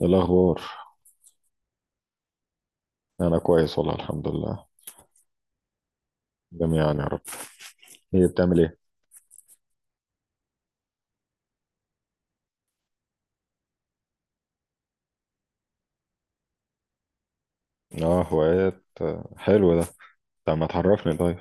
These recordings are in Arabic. إيه الأخبار؟ أنا كويس والله الحمد لله. جميعا يا رب. إيه بتعمل إيه؟ آه، هوايات، حلو ده. طب ما تعرفني طيب.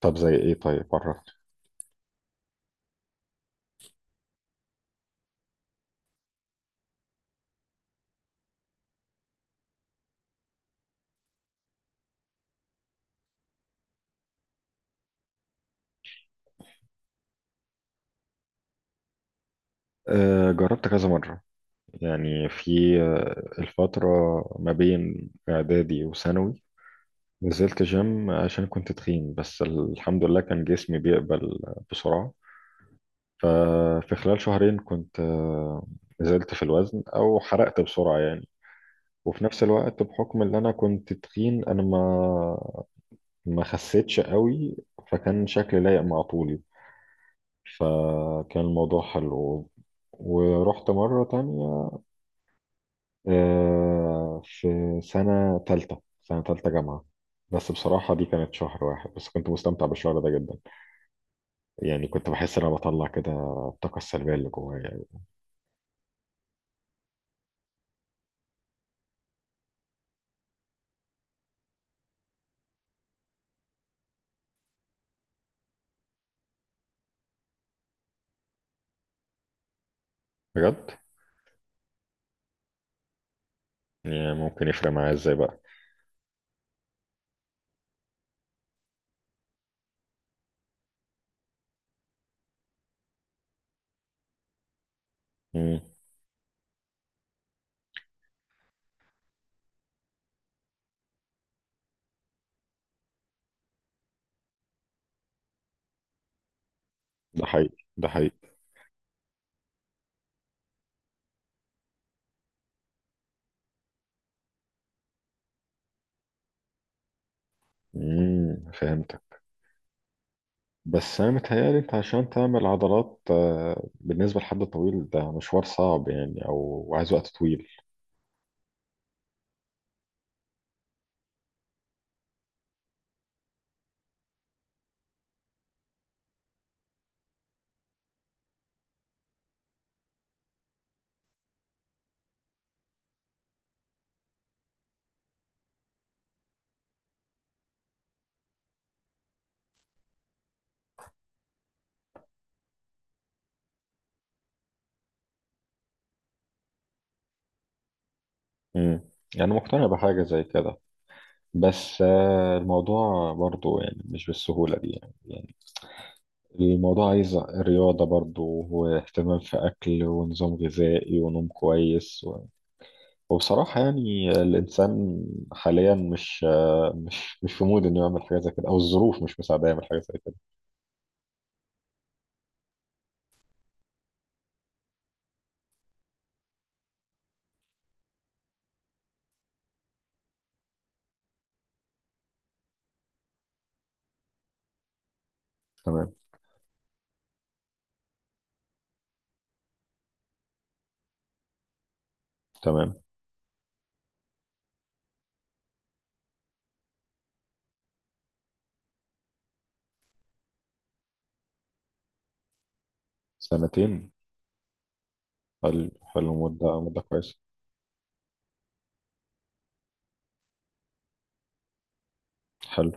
طب زي إيه طيب عرفني. آه، جربت كذا مرة. يعني في الفترة ما بين إعدادي وثانوي. نزلت جيم عشان كنت تخين، بس الحمد لله كان جسمي بيقبل بسرعة. ففي خلال شهرين كنت نزلت في الوزن أو حرقت بسرعة يعني. وفي نفس الوقت بحكم ان انا كنت تخين، انا ما خسيتش قوي. فكان شكلي لايق مع طولي. فكان الموضوع حلو. ورحت مرة تانية في سنة تالتة جامعة. بس بصراحة دي كانت شهر واحد، بس كنت مستمتع بالشهر ده جدا. يعني كنت بحس إن أنا بطلع كده الطاقة السلبية اللي جوايا يعني. بجد. يعني ممكن يفرق معايا إزاي بقى؟ مم. ده حقيقي ده حقيقي. مم. فهمت. بس انا متهيألي انت عشان تعمل عضلات بالنسبه لحد طويل، ده مشوار صعب يعني او عايز وقت طويل. امم يعني مقتنع بحاجه زي كده. بس الموضوع برضو يعني مش بالسهوله دي يعني. الموضوع عايز رياضه برضو، واهتمام في اكل ونظام غذائي ونوم كويس وبصراحه يعني الانسان حاليا مش آه، مش مش في مود انه يعمل حاجه زي كده او الظروف مش مساعده يعمل حاجه زي كده. تمام. تمام. سنتين. حلو. حلو مدة كويسة. حلو.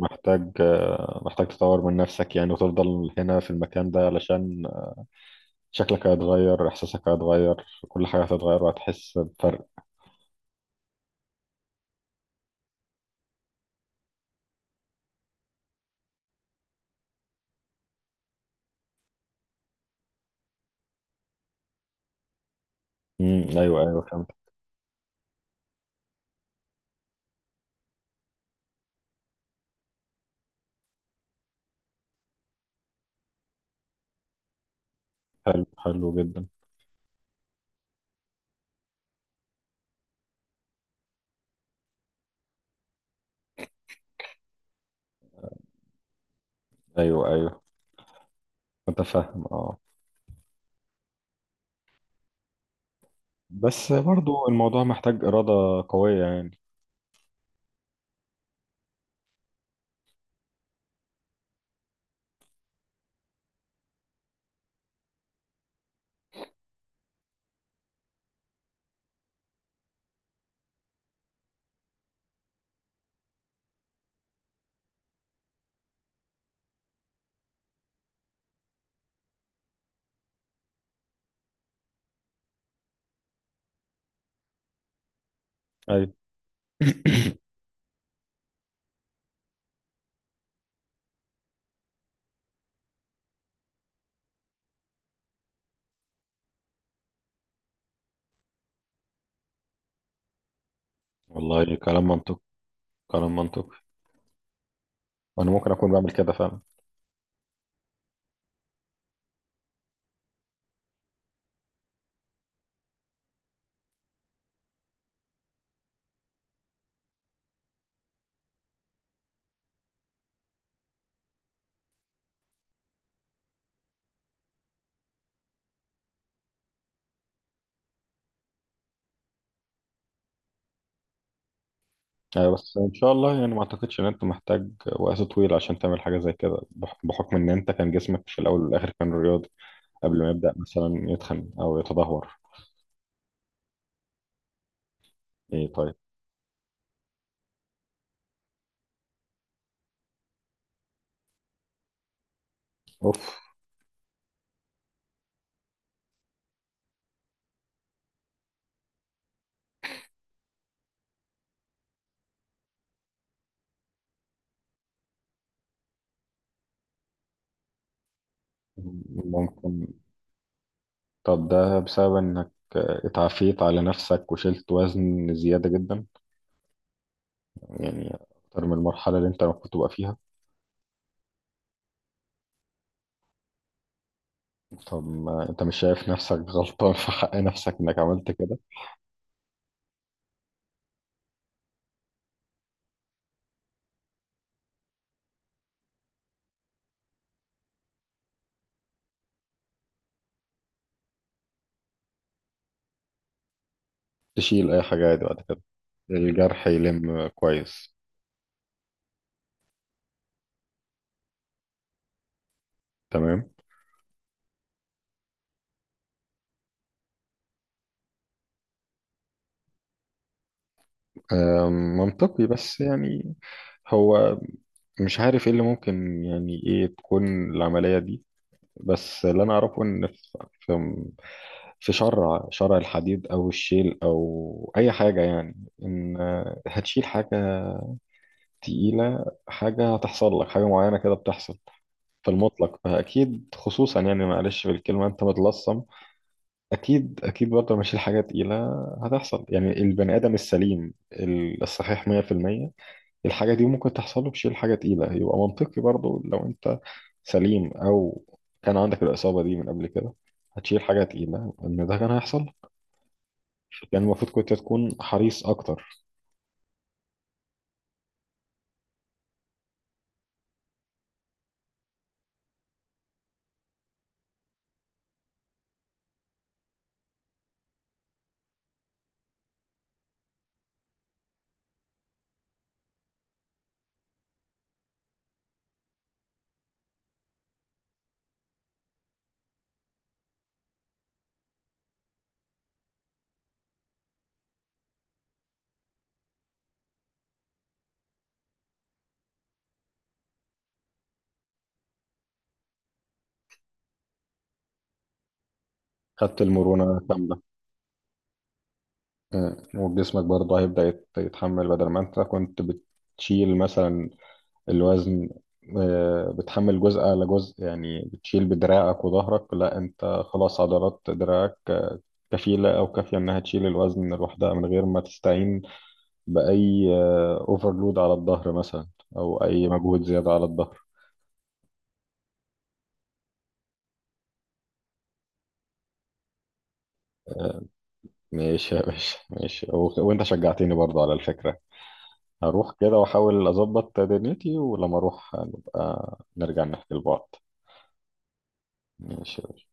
محتاج محتاج تطور من نفسك يعني وتفضل هنا في المكان ده علشان شكلك هيتغير، إحساسك هيتغير، كل حاجة هتتغير وهتحس بفرق. امم، أيوه، أيوه، فهمت. حلو، حلو جدا. أيوه، أيوه. متفهم. بس برضو الموضوع محتاج إرادة قوية يعني. أيوه. والله كلام منطقي. كلام منطقي. وأنا ممكن أكون بعمل كده فعلا. أيوة، بس إن شاء الله يعني ما أعتقدش إن أنت محتاج وقت طويل عشان تعمل حاجة زي كده بحكم إن أنت كان جسمك في الأول والآخر كان رياضي قبل ما يبدأ مثلا يتخن أو يتدهور. إيه طيب. أوف. ممكن. طب ده بسبب إنك اتعافيت على نفسك وشلت وزن زيادة جدا يعني، أكتر من المرحلة اللي أنت المفروض تبقى فيها. طب ما أنت مش شايف نفسك غلطان في حق نفسك إنك عملت كده؟ تشيل أي حاجة عادي بعد كده. الجرح يلم كويس. تمام. منطقي بس يعني. هو مش عارف ايه اللي ممكن يعني ايه تكون العملية دي. بس اللي انا اعرفه ان في شرع الحديد او الشيل او اي حاجة يعني. ان هتشيل حاجة تقيلة، حاجة هتحصل لك حاجة معينة كده بتحصل في المطلق، فأكيد خصوصا يعني معلش بالكلمة أنت متلصم. أكيد، أكيد برضه لما أشيل حاجة تقيلة هتحصل يعني البني آدم السليم الصحيح 100%. الحاجة دي ممكن تحصل له بشيل حاجة تقيلة يبقى منطقي برضو لو انت سليم او كان عندك الإصابة دي من قبل كده هتشيل حاجة تقيلة ان ده كان هيحصل. كان المفروض كنت تكون حريص اكتر. خدت المرونة كاملة. وجسمك برضه هيبدأ يتحمل بدل ما انت كنت بتشيل مثلا الوزن، بتحمل جزء على جزء يعني، بتشيل بدراعك وظهرك، لا انت خلاص عضلات دراعك كفيلة او كافية انها تشيل الوزن لوحدها من غير ما تستعين بأي اوفرلود على الظهر مثلا أو أي مجهود زيادة على الظهر. آه، ماشي يا باشا، ماشي وأنت شجعتني برضه على الفكرة. هروح كده وأحاول أظبط دنيتي ولما أروح نبقى نرجع نحكي لبعض. ماشي.